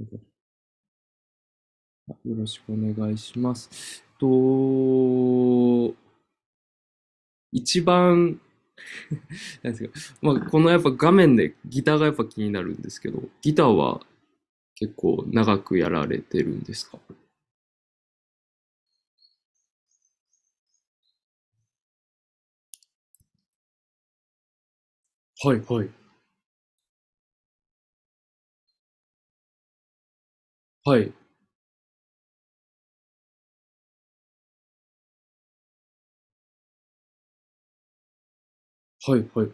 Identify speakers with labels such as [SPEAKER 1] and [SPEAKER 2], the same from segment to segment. [SPEAKER 1] よろしくお願いします。と、一番、なんですか、まあ、このやっぱ画面でギターがやっぱ気になるんですけど、ギターは結構長くやられてるんですか？はいはい。はいはいはい。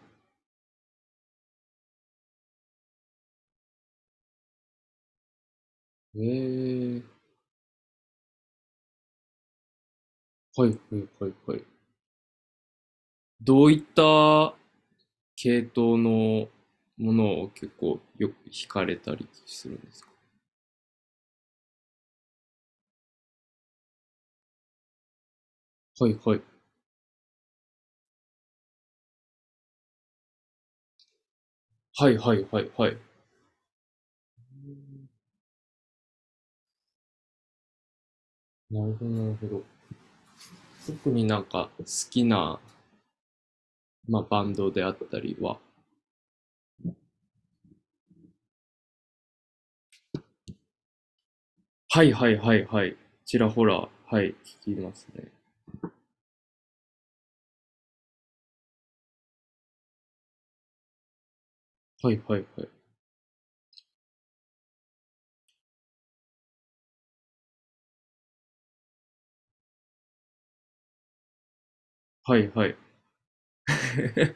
[SPEAKER 1] えー、はいはいはいはい。どういった系統のものを結構よく弾かれたりするんですか？はいはい。はいはいはいはい。なるほどなるほど。特になんか好きなまあ、バンドであったりは。はいはいはいはい。ちらほら、はい、聞きますね。はいはいはい。はいはい。へ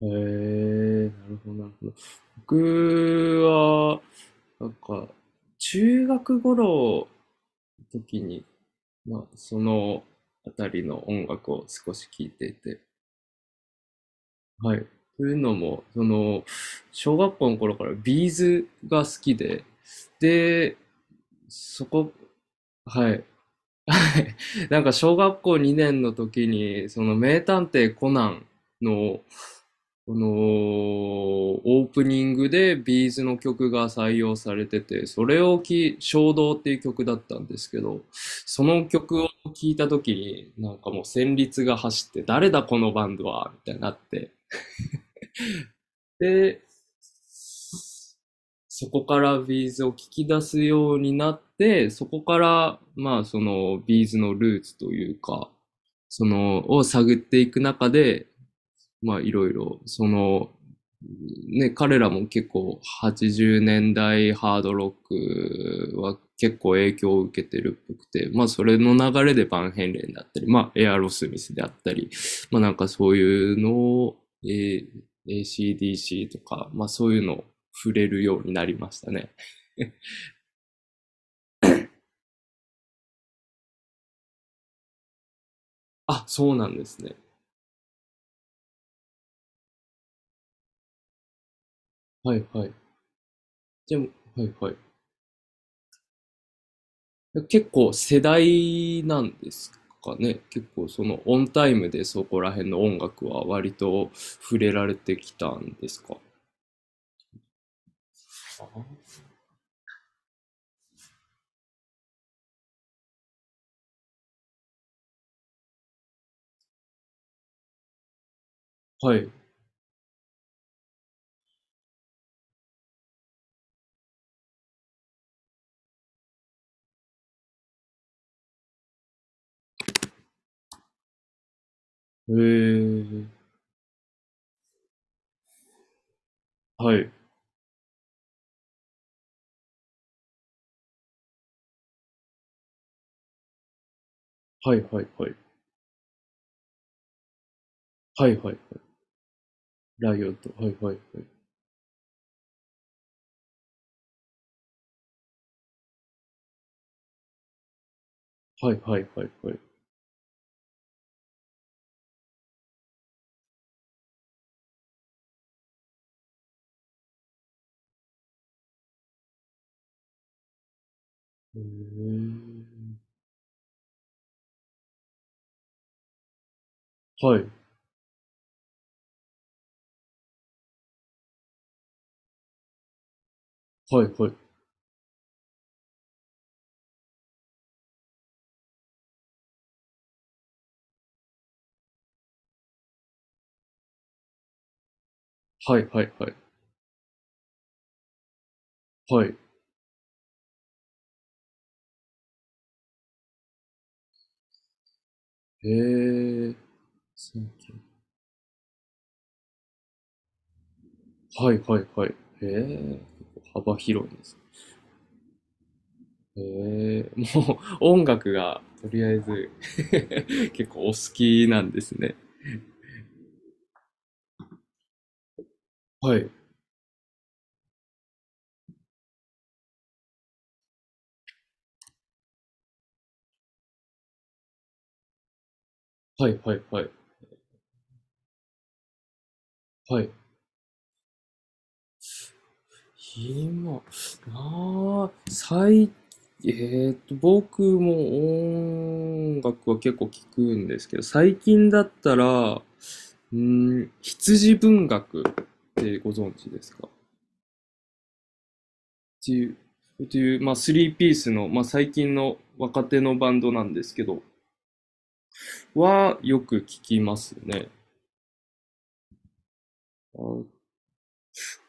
[SPEAKER 1] え、なるほどなるほど。僕は、なんか、中学頃の時に、まあ、そのあたりの音楽を少し聴いていて、はい。というのも、その、小学校の頃からビーズが好きで、で、そこ、はい。はい。なんか小学校2年の時に、その名探偵コナンの、このオープニングでビーズの曲が採用されてて、それをき、衝動っていう曲だったんですけど、その曲を聴いた時に、なんかもう旋律が走って、誰だこのバンドはみたいになって、で、そこからビーズを聞き出すようになって、そこから、まあ、そのビーズのルーツというか、その、を探っていく中で、まあいろいろ、その、ね、彼らも結構80年代ハードロックは結構影響を受けてるっぽくて、まあそれの流れでバンヘイレンだったり、まあエアロスミスであったり、まあなんかそういうのを、えー ACDC とか、まあそういうのを触れるようになりましたね。あ、そうなんですね。はいはい。でも、はいはい。結構世代なんですかね。結構そのオンタイムでそこら辺の音楽は割と触れられてきたんですか？はい。へえ。はい。はいはいはい。はいはいはい。ライオット。はいはいはい。はいはいはいはい。へえ。はい。はいはい。はいはいはい。はい。へえ。はいはいはい。へえ。幅広いですね。もう音楽がとりあえず 結構お好きなんですね。はい、はい、はい、はい、はい。今、なあ、僕も音楽は結構聞くんですけど、最近だったら、うん、羊文学ってご存知ですか？っていう、まあ、スリーピースの、まあ、最近の若手のバンドなんですけど、はよく聞きますね。あ、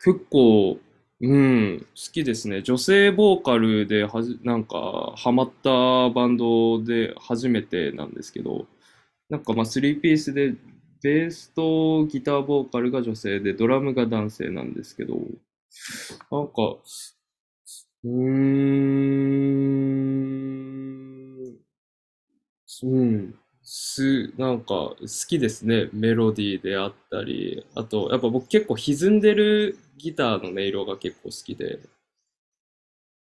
[SPEAKER 1] 結構、うん、好きですね。女性ボーカルではなんか、ハマったバンドで初めてなんですけど、なんかまあ、3ピースで、ベースとギターボーカルが女性で、ドラムが男性なんですけど、なんか、うーん、うん、なんか、好きですね。メロディーであったり、あと、やっぱ僕結構歪んでるギターの音色が結構好きで、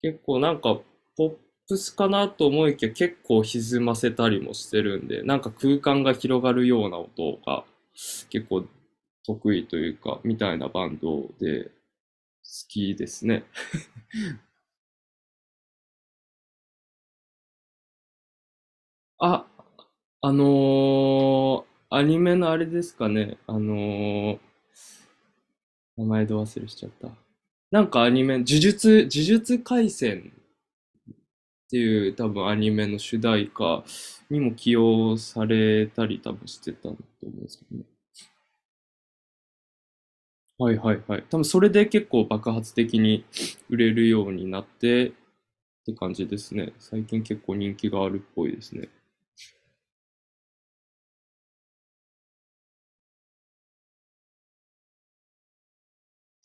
[SPEAKER 1] 結構なんかポップスかなと思いきや結構歪ませたりもしてるんで、なんか空間が広がるような音が結構得意というか、みたいなバンドで好きですね。あ、あのー、アニメのあれですかね。ー、名前ど忘れしちゃった。なんかアニメ、呪術廻戦っていう多分アニメの主題歌にも起用されたり多分してたと思うんですけどね。はいはいはい。多分それで結構爆発的に売れるようになってって感じですね。最近結構人気があるっぽいですね。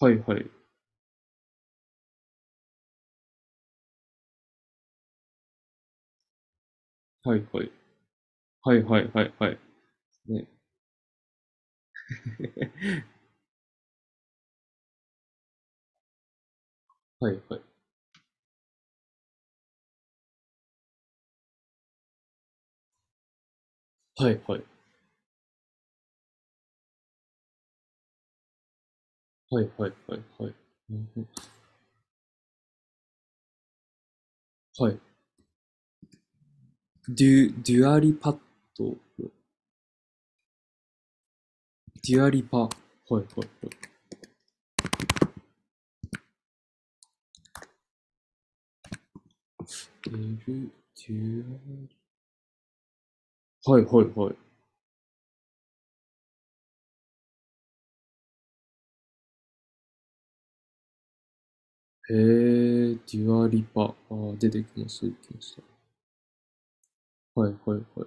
[SPEAKER 1] はいはい。はいはい。はいはいはいはい。ね。はいはい。はいはい。はいはいはいはい。うん、はい。デュアリパッド。デュアリパ。はいはいはい。デュ、デュア、はいはいはい。へえ、デュアリパ。出てきました、出てきました。はいはいはい。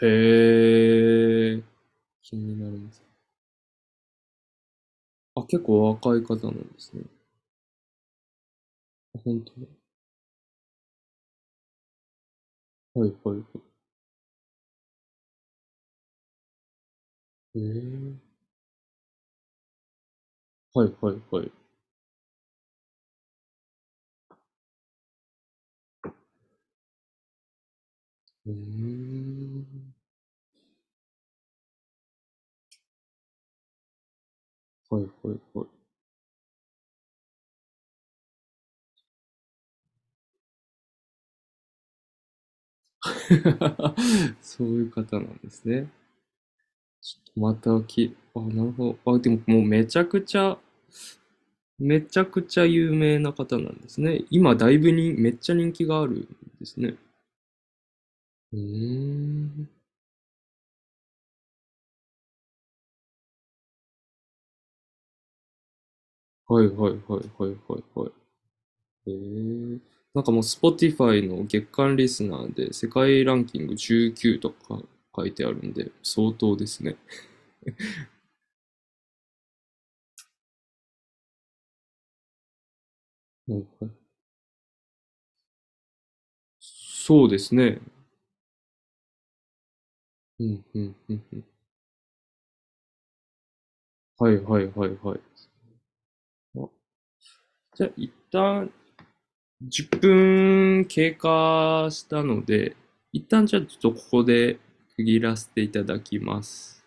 [SPEAKER 1] へえ。気になります。あ、結構若い方なんですね。あ、本当だ。はいはいはい。えー、はいはいはい。えー、はいはいはい。そういう方なんですね。ちょっとまたき、あ、なるほど。あ、でももうめちゃくちゃ、めちゃくちゃ有名な方なんですね。今だいぶに、めっちゃ人気があるんですね。うーん。はいはいはいはいはいはい。へえ、なんかもう Spotify の月間リスナーで世界ランキング19とか書いてあるんで、相当ですね。はいはい、そうですね。うんうんうんうん。はいはいはいはい。あ、じゃあ一旦10分経過したので、一旦じゃあちょっとここで区切らせていただきます。